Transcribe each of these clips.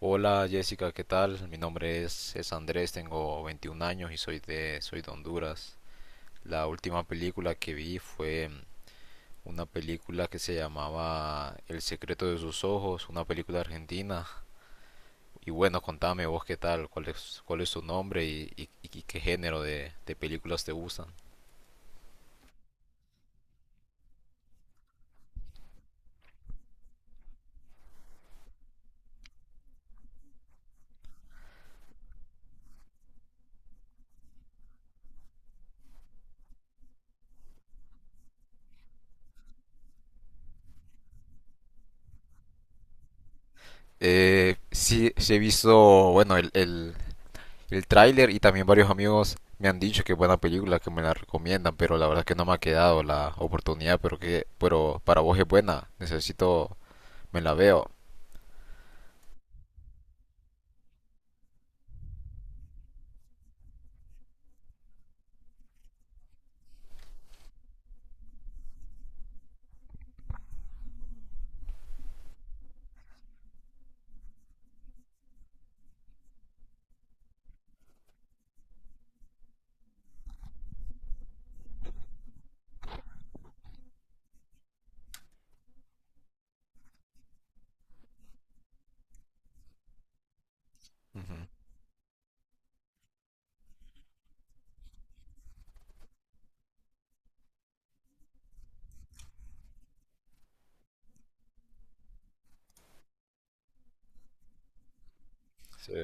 Hola Jessica, ¿qué tal? Mi nombre es Andrés, tengo 21 años y soy soy de Honduras. La última película que vi fue una película que se llamaba El secreto de sus ojos, una película argentina. Y bueno, contame vos qué tal, cuál es tu nombre y qué género de películas te gustan. Sí, sí he visto, bueno, el tráiler y también varios amigos me han dicho que es buena película, que me la recomiendan, pero la verdad es que no me ha quedado la oportunidad, pero que pero para vos es buena, necesito, me la veo. Ujú. Sí.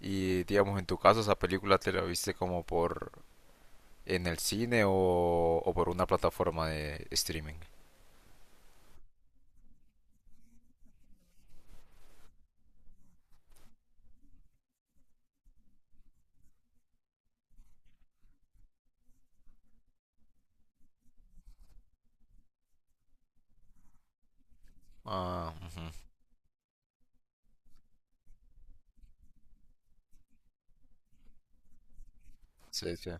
Y digamos, en tu caso, ¿esa película te la viste como por en el cine o por una plataforma de streaming? Ah, ujú. Sí, sí,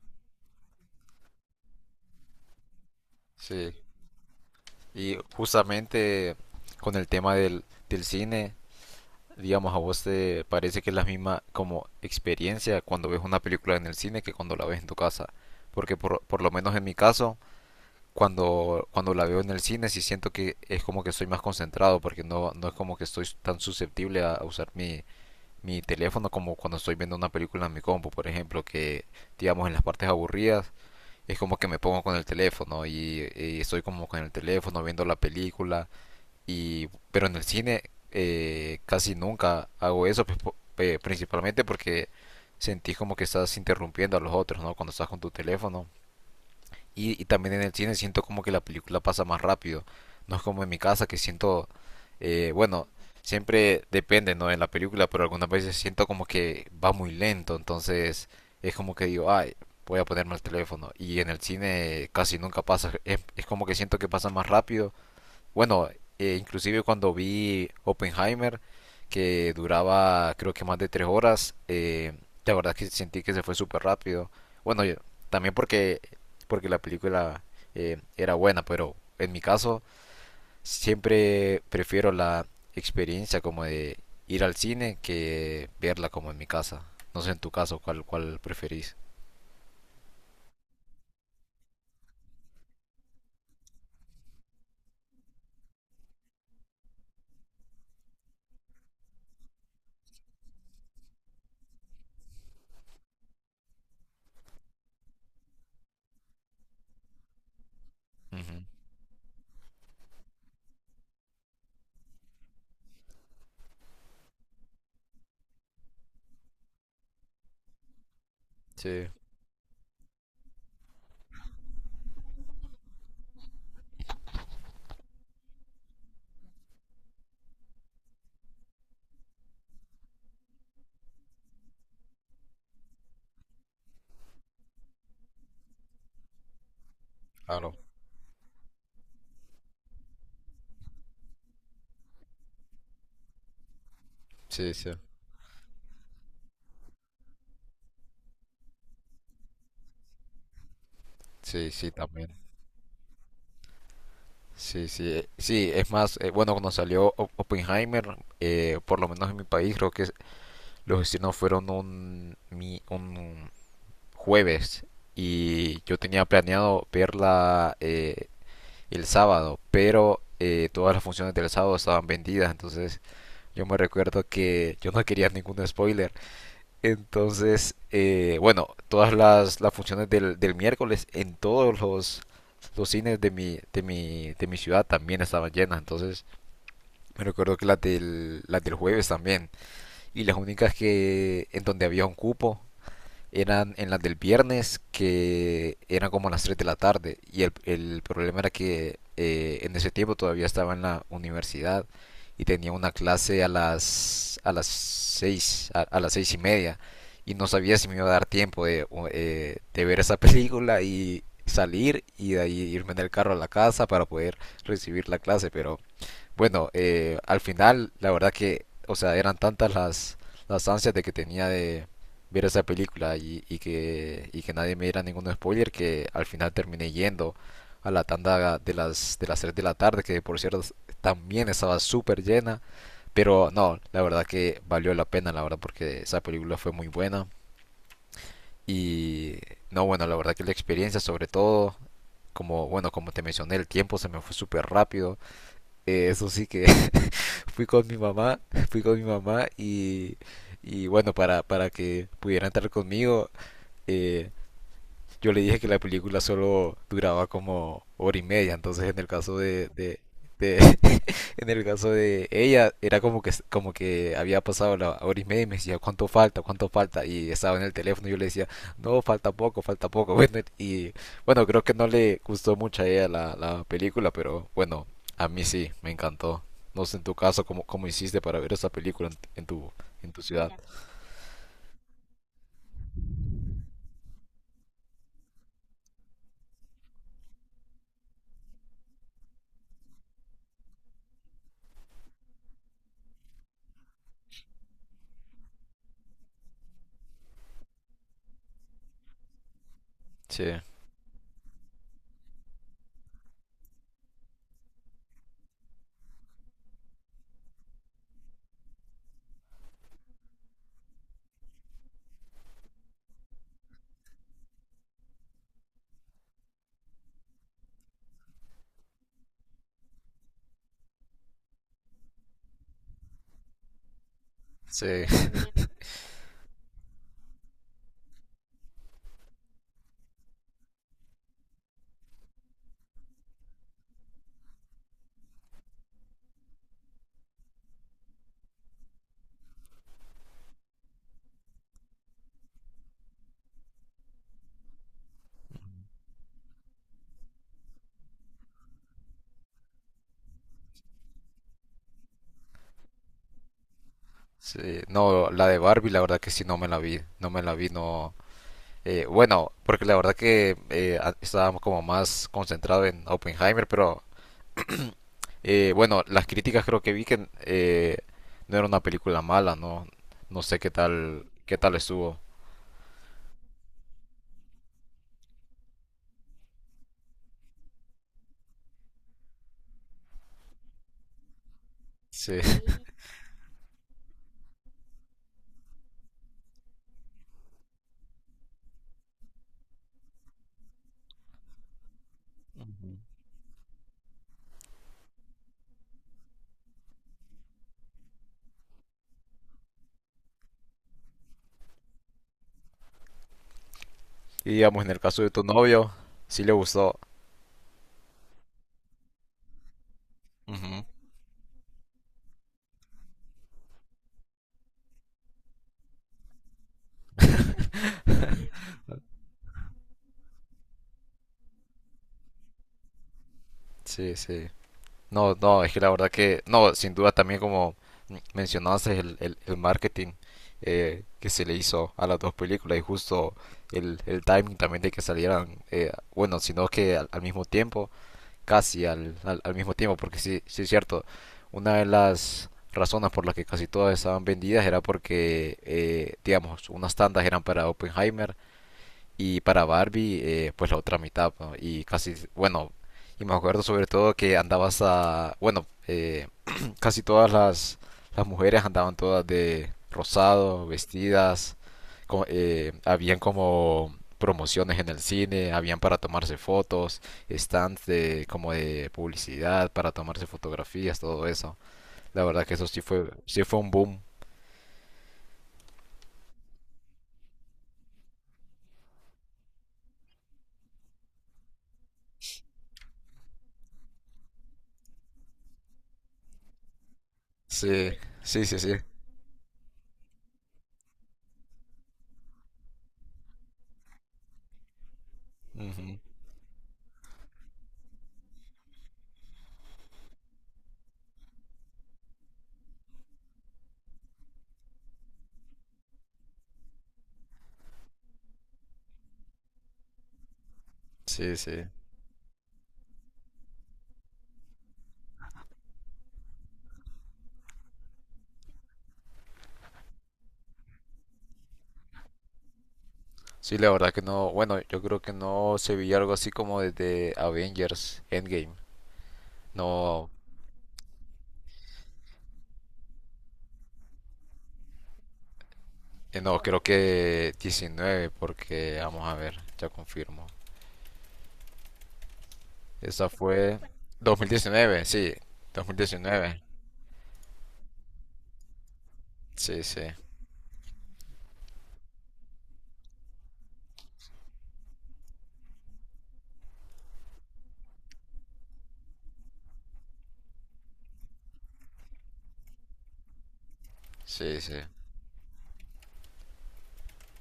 sí. Y justamente con el tema del cine, digamos, a vos te parece que es la misma como experiencia cuando ves una película en el cine que cuando la ves en tu casa. Porque por lo menos en mi caso, cuando la veo en el cine, sí siento que es como que estoy más concentrado, porque no, no es como que estoy tan susceptible a usar mi teléfono como cuando estoy viendo una película en mi compu, por ejemplo, que digamos en las partes aburridas es como que me pongo con el teléfono y estoy como con el teléfono viendo la película y, pero en el cine casi nunca hago eso, pues, principalmente porque sentís como que estás interrumpiendo a los otros, ¿no? Cuando estás con tu teléfono. Y también en el cine siento como que la película pasa más rápido. No es como en mi casa que siento, bueno, siempre depende, ¿no? En la película, pero algunas veces siento como que va muy lento, entonces es como que digo, ay, voy a ponerme el teléfono. Y en el cine casi nunca pasa, es como que siento que pasa más rápido. Bueno, inclusive cuando vi Oppenheimer, que duraba creo que más de 3 horas, la verdad que sentí que se fue súper rápido. Bueno, yo- También porque la película era buena, pero en mi caso siempre prefiero la experiencia como de ir al cine que verla como en mi casa. No sé en tu caso cuál preferís. Ujú. Sí, claro. Sí, sí. Sí, sí, también. Sí, sí, sí, es más, bueno, cuando salió Oppenheimer, por lo menos en mi país, creo que los estrenos fueron un jueves y yo tenía planeado verla el sábado, pero todas las funciones del sábado estaban vendidas, entonces yo me recuerdo que yo no quería ningún spoiler entonces, bueno, todas las funciones del miércoles en todos los cines de mi ciudad también estaban llenas. Entonces, me recuerdo que las del jueves también. Y las únicas que en donde había un cupo eran en las del viernes que eran como a las 3 de la tarde y el problema era que en ese tiempo todavía estaba en la universidad y tenía una clase a las 6 a las 6 y media y no sabía si me iba a dar tiempo de ver esa película y salir y de ahí irme en el carro a la casa para poder recibir la clase pero bueno, al final, la verdad que, o sea, eran tantas las ansias de que tenía de ver esa película y que nadie me diera ningún spoiler que al final terminé yendo a la tanda de las 3 de la tarde, que por cierto también estaba súper llena. Pero no, la verdad que valió la pena, la verdad, porque esa película fue muy buena. Y no, bueno, la verdad que la experiencia, sobre todo, como, bueno, como te mencioné, el tiempo se me fue súper rápido. Eso sí que fui con mi mamá, fui con mi mamá y bueno, para que pudiera entrar conmigo, eh, yo le dije que la película solo duraba como hora y media, entonces en el caso de- en el caso de ella era como que había pasado la hora y media y me decía cuánto falta y estaba en el teléfono y yo le decía no falta poco, falta poco, bueno y bueno creo que no le gustó mucho a ella la película, pero bueno a mí sí me encantó. No sé en tu caso cómo hiciste para ver esa película en tu ciudad. Sí, sí. Sí, no, la de Barbie, la verdad que sí, no me la vi, no. Eh, bueno, porque la verdad que estaba como más concentrados en Oppenheimer, pero bueno, las críticas creo que vi que no era una película mala, no, no sé qué tal estuvo. Sí. Y digamos, en el caso de tu novio, sí le gustó. Ujú. Sí, sí. No, no, es que la verdad que, no, sin duda también como mencionaste el marketing que se le hizo a las dos películas y justo el timing también de que salieran, bueno, sino que al mismo tiempo, casi al mismo tiempo, porque sí, sí es cierto, una de las razones por las que casi todas estaban vendidas era porque, digamos, unas tandas eran para Oppenheimer, y para Barbie, pues la otra mitad, ¿no? Y casi, bueno, y me acuerdo sobre todo que andabas a, bueno, casi todas las mujeres andaban todas de rosado, vestidas, habían como promociones en el cine, habían para tomarse fotos, stands de, como de publicidad, para tomarse fotografías, todo eso. La verdad que sí fue un boom. Sí, sí, sí, sí. Ujú. Sí, sí. Sí, la verdad que no. Bueno, yo creo que no se veía algo así como desde Avengers Endgame. No, no, creo que 19, porque vamos a ver, ya confirmo. Esa fue 2019, sí, 2019. Sí, sí, sí, sí.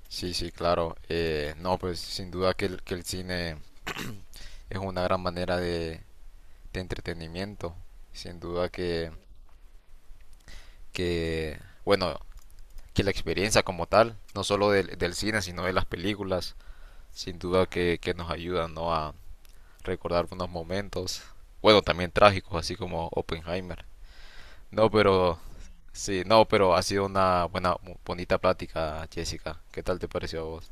Sí, sí, claro. No, pues sin duda que el cine es una gran manera de entretenimiento. Sin duda que, bueno, que la experiencia como tal, no solo del cine, sino de las películas sin duda que nos ayuda, ¿no?, a recordar unos momentos, bueno, también trágicos, así como Oppenheimer. No, pero sí, no, pero ha sido una buena, bonita plática, Jessica. ¿Qué tal te pareció a vos?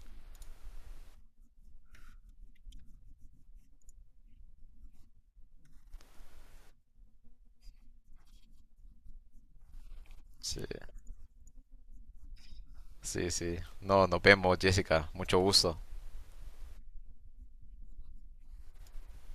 Sí, sí, sí. No, nos vemos, Jessica. Mucho gusto.